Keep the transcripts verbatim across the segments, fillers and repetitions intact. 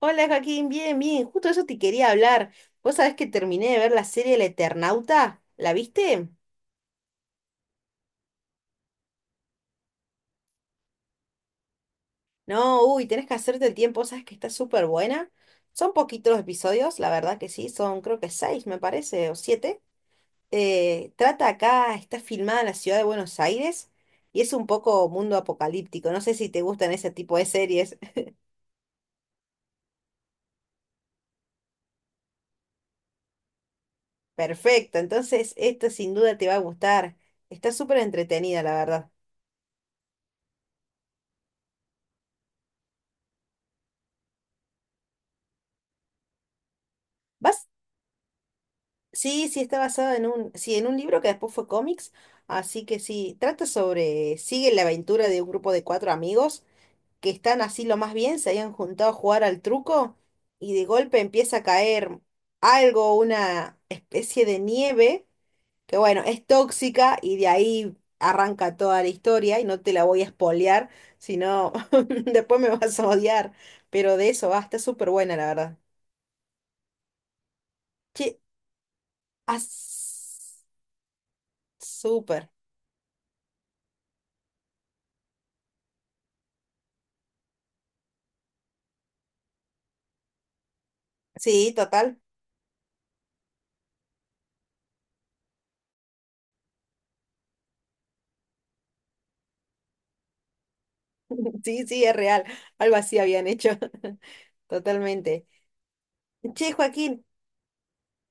Hola Joaquín, bien, bien, justo eso te quería hablar. Vos sabés que terminé de ver la serie El Eternauta, ¿la viste? No, uy, tenés que hacerte el tiempo, sabes que está súper buena. Son poquitos los episodios, la verdad que sí, son creo que seis, me parece, o siete. Eh, trata acá, está filmada en la ciudad de Buenos Aires y es un poco mundo apocalíptico. No sé si te gustan ese tipo de series. Perfecto, entonces esta sin duda te va a gustar. Está súper entretenida, la verdad. ¿Vas? Sí, sí, está basada en un, sí, en un libro que después fue cómics, así que sí, trata sobre, sigue la aventura de un grupo de cuatro amigos que están así lo más bien, se habían juntado a jugar al truco y de golpe empieza a caer algo, una especie de nieve, que bueno, es tóxica y de ahí arranca toda la historia y no te la voy a spoilear, sino después me vas a odiar, pero de eso va, está súper buena la verdad. Che, as- súper. Sí, total. Sí, sí, es real. Algo así habían hecho. Totalmente. Che, Joaquín,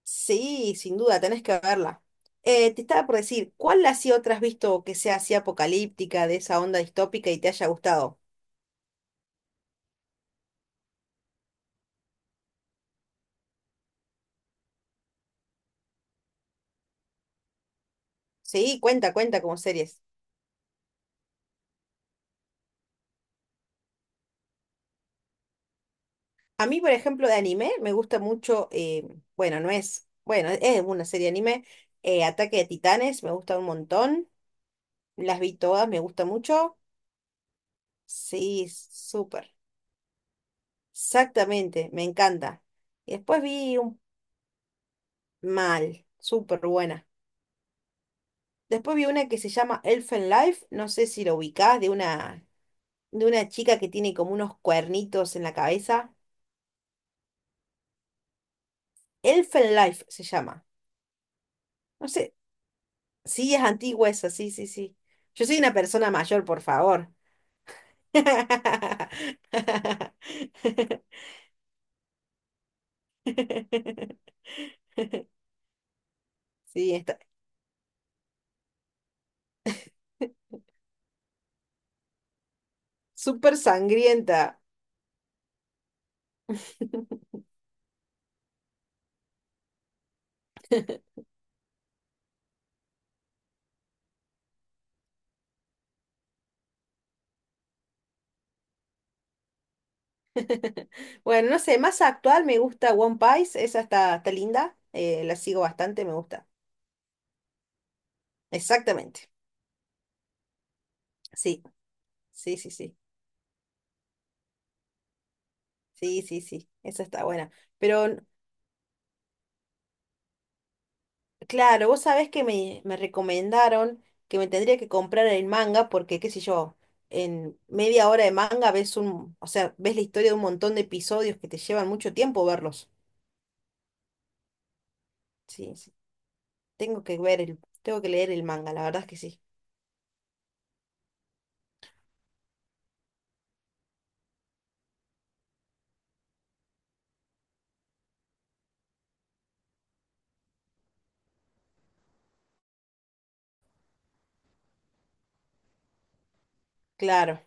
sí, sin duda, tenés que verla. Eh, te estaba por decir, ¿cuál así otra has visto que sea así apocalíptica, de esa onda distópica y te haya gustado? Sí, cuenta, cuenta como series. A mí, por ejemplo, de anime me gusta mucho, eh, bueno, no es, bueno, es una serie de anime, eh, Ataque de Titanes, me gusta un montón, las vi todas, me gusta mucho. Sí, súper. Exactamente, me encanta. Y después vi un mal, súper buena. Después vi una que se llama Elfen Life, no sé si lo ubicás, de una, de una, chica que tiene como unos cuernitos en la cabeza. Elfen Life se llama. No sé, sí, es antigua esa, sí, sí, sí. Yo soy una persona mayor, por favor. Sí, está súper sangrienta. Bueno, no sé, más actual me gusta One Piece, esa está, está linda, eh, la sigo bastante, me gusta. Exactamente, sí, sí, sí, sí, sí, sí, sí, esa está buena. Pero n- claro, vos sabés que me, me recomendaron que me tendría que comprar el manga porque, qué sé yo, en media hora de manga ves un, o sea, ves la historia de un montón de episodios que te llevan mucho tiempo verlos. Sí, sí, tengo que ver el, tengo que leer el manga, la verdad es que sí. Claro,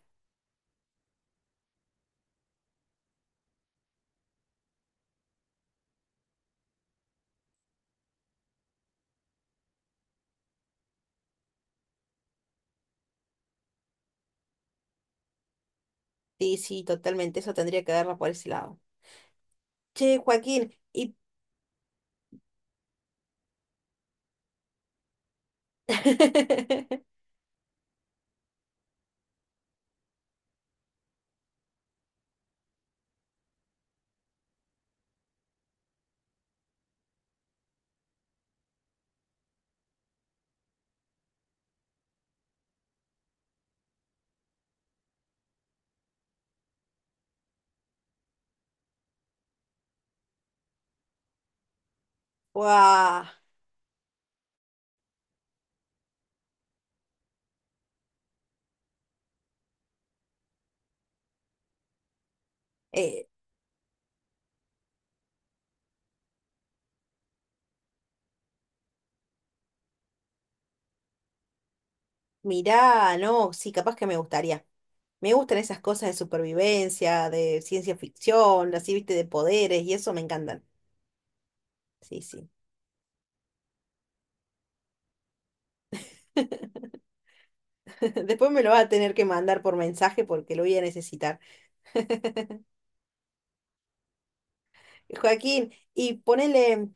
sí, sí, totalmente, eso tendría que verla por ese lado. Che, Joaquín, y… Guau, eh, mirá, no, sí, capaz que me gustaría. Me gustan esas cosas de supervivencia, de ciencia ficción, así, viste, de poderes, y eso me encantan. Sí, sí. Después me lo vas a tener que mandar por mensaje porque lo voy a necesitar. Joaquín, y ponele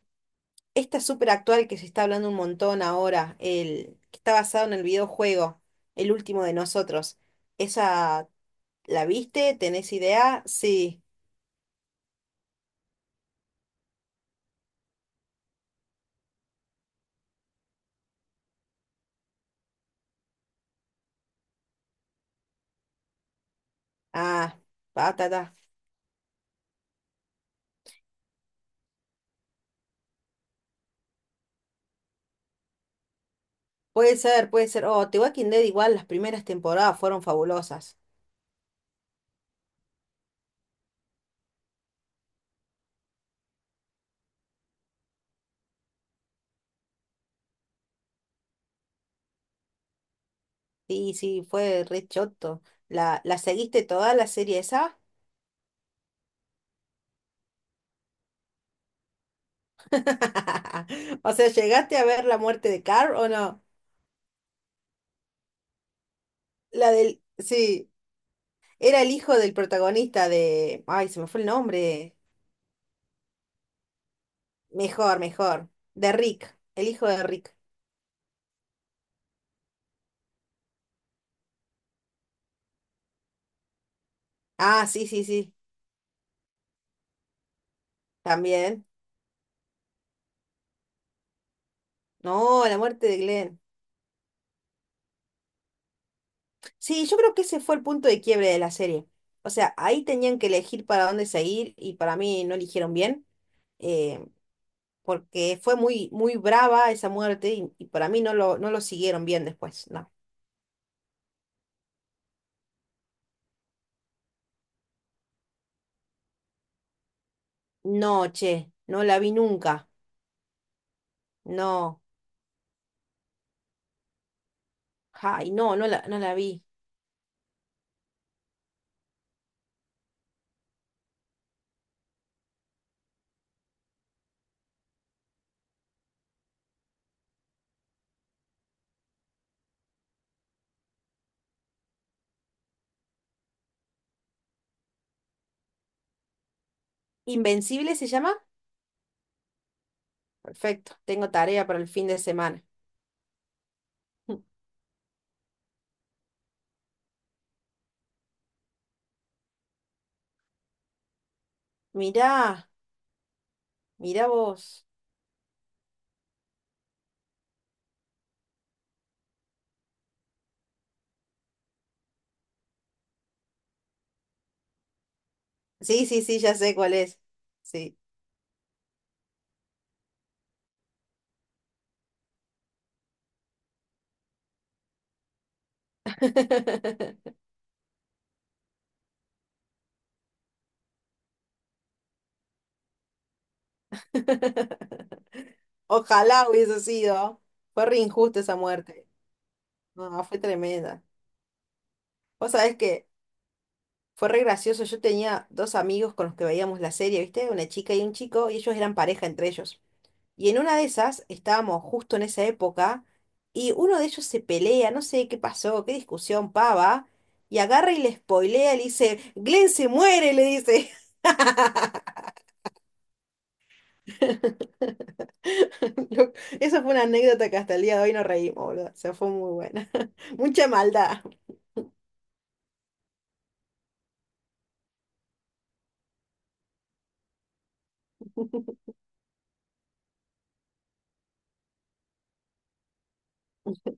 esta súper actual que se está hablando un montón ahora, el que está basado en el videojuego, El último de nosotros. ¿Esa la viste? ¿Tenés idea? Sí. Ah, ta, ta, ta. Puede ser, puede ser. Oh, The Walking Dead igual las primeras temporadas fueron fabulosas. Sí, sí, fue re choto. ¿La, la seguiste toda la serie esa? O sea, ¿llegaste a ver la muerte de Carl o no? La del… Sí, era el hijo del protagonista de… Ay, se me fue el nombre. Mejor, mejor. De Rick, el hijo de Rick. Ah, sí, sí, sí. También. No, la muerte de Glenn. Sí, yo creo que ese fue el punto de quiebre de la serie. O sea, ahí tenían que elegir para dónde seguir y para mí no eligieron bien, eh, porque fue muy, muy brava esa muerte y, y para mí no lo, no lo siguieron bien después. No. No, che, no la vi nunca. No. Ay, no, no la, no la vi. ¿Invencible se llama? Perfecto, tengo tarea para el fin de semana. Mirá, mirá vos. Sí, sí, sí, ya sé cuál es. Sí. Ojalá hubiese sido. Fue re injusta esa muerte. No, fue tremenda. Vos sabés que fue re gracioso. Yo tenía dos amigos con los que veíamos la serie, ¿viste? Una chica y un chico, y ellos eran pareja entre ellos. Y en una de esas estábamos justo en esa época, y uno de ellos se pelea, no sé qué pasó, qué discusión pava, y agarra y le spoilea, le dice, Glenn se muere, le dice. Lo- Esa fue una anécdota que hasta el día de hoy nos reímos, boludo. O sea, fue muy buena. Mucha maldad.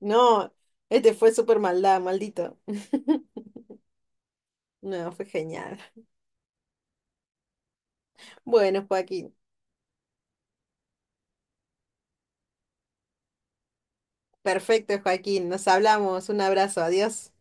No, este fue súper maldad, maldito. No, fue genial. Bueno, Joaquín. Perfecto, Joaquín. Nos hablamos. Un abrazo. Adiós.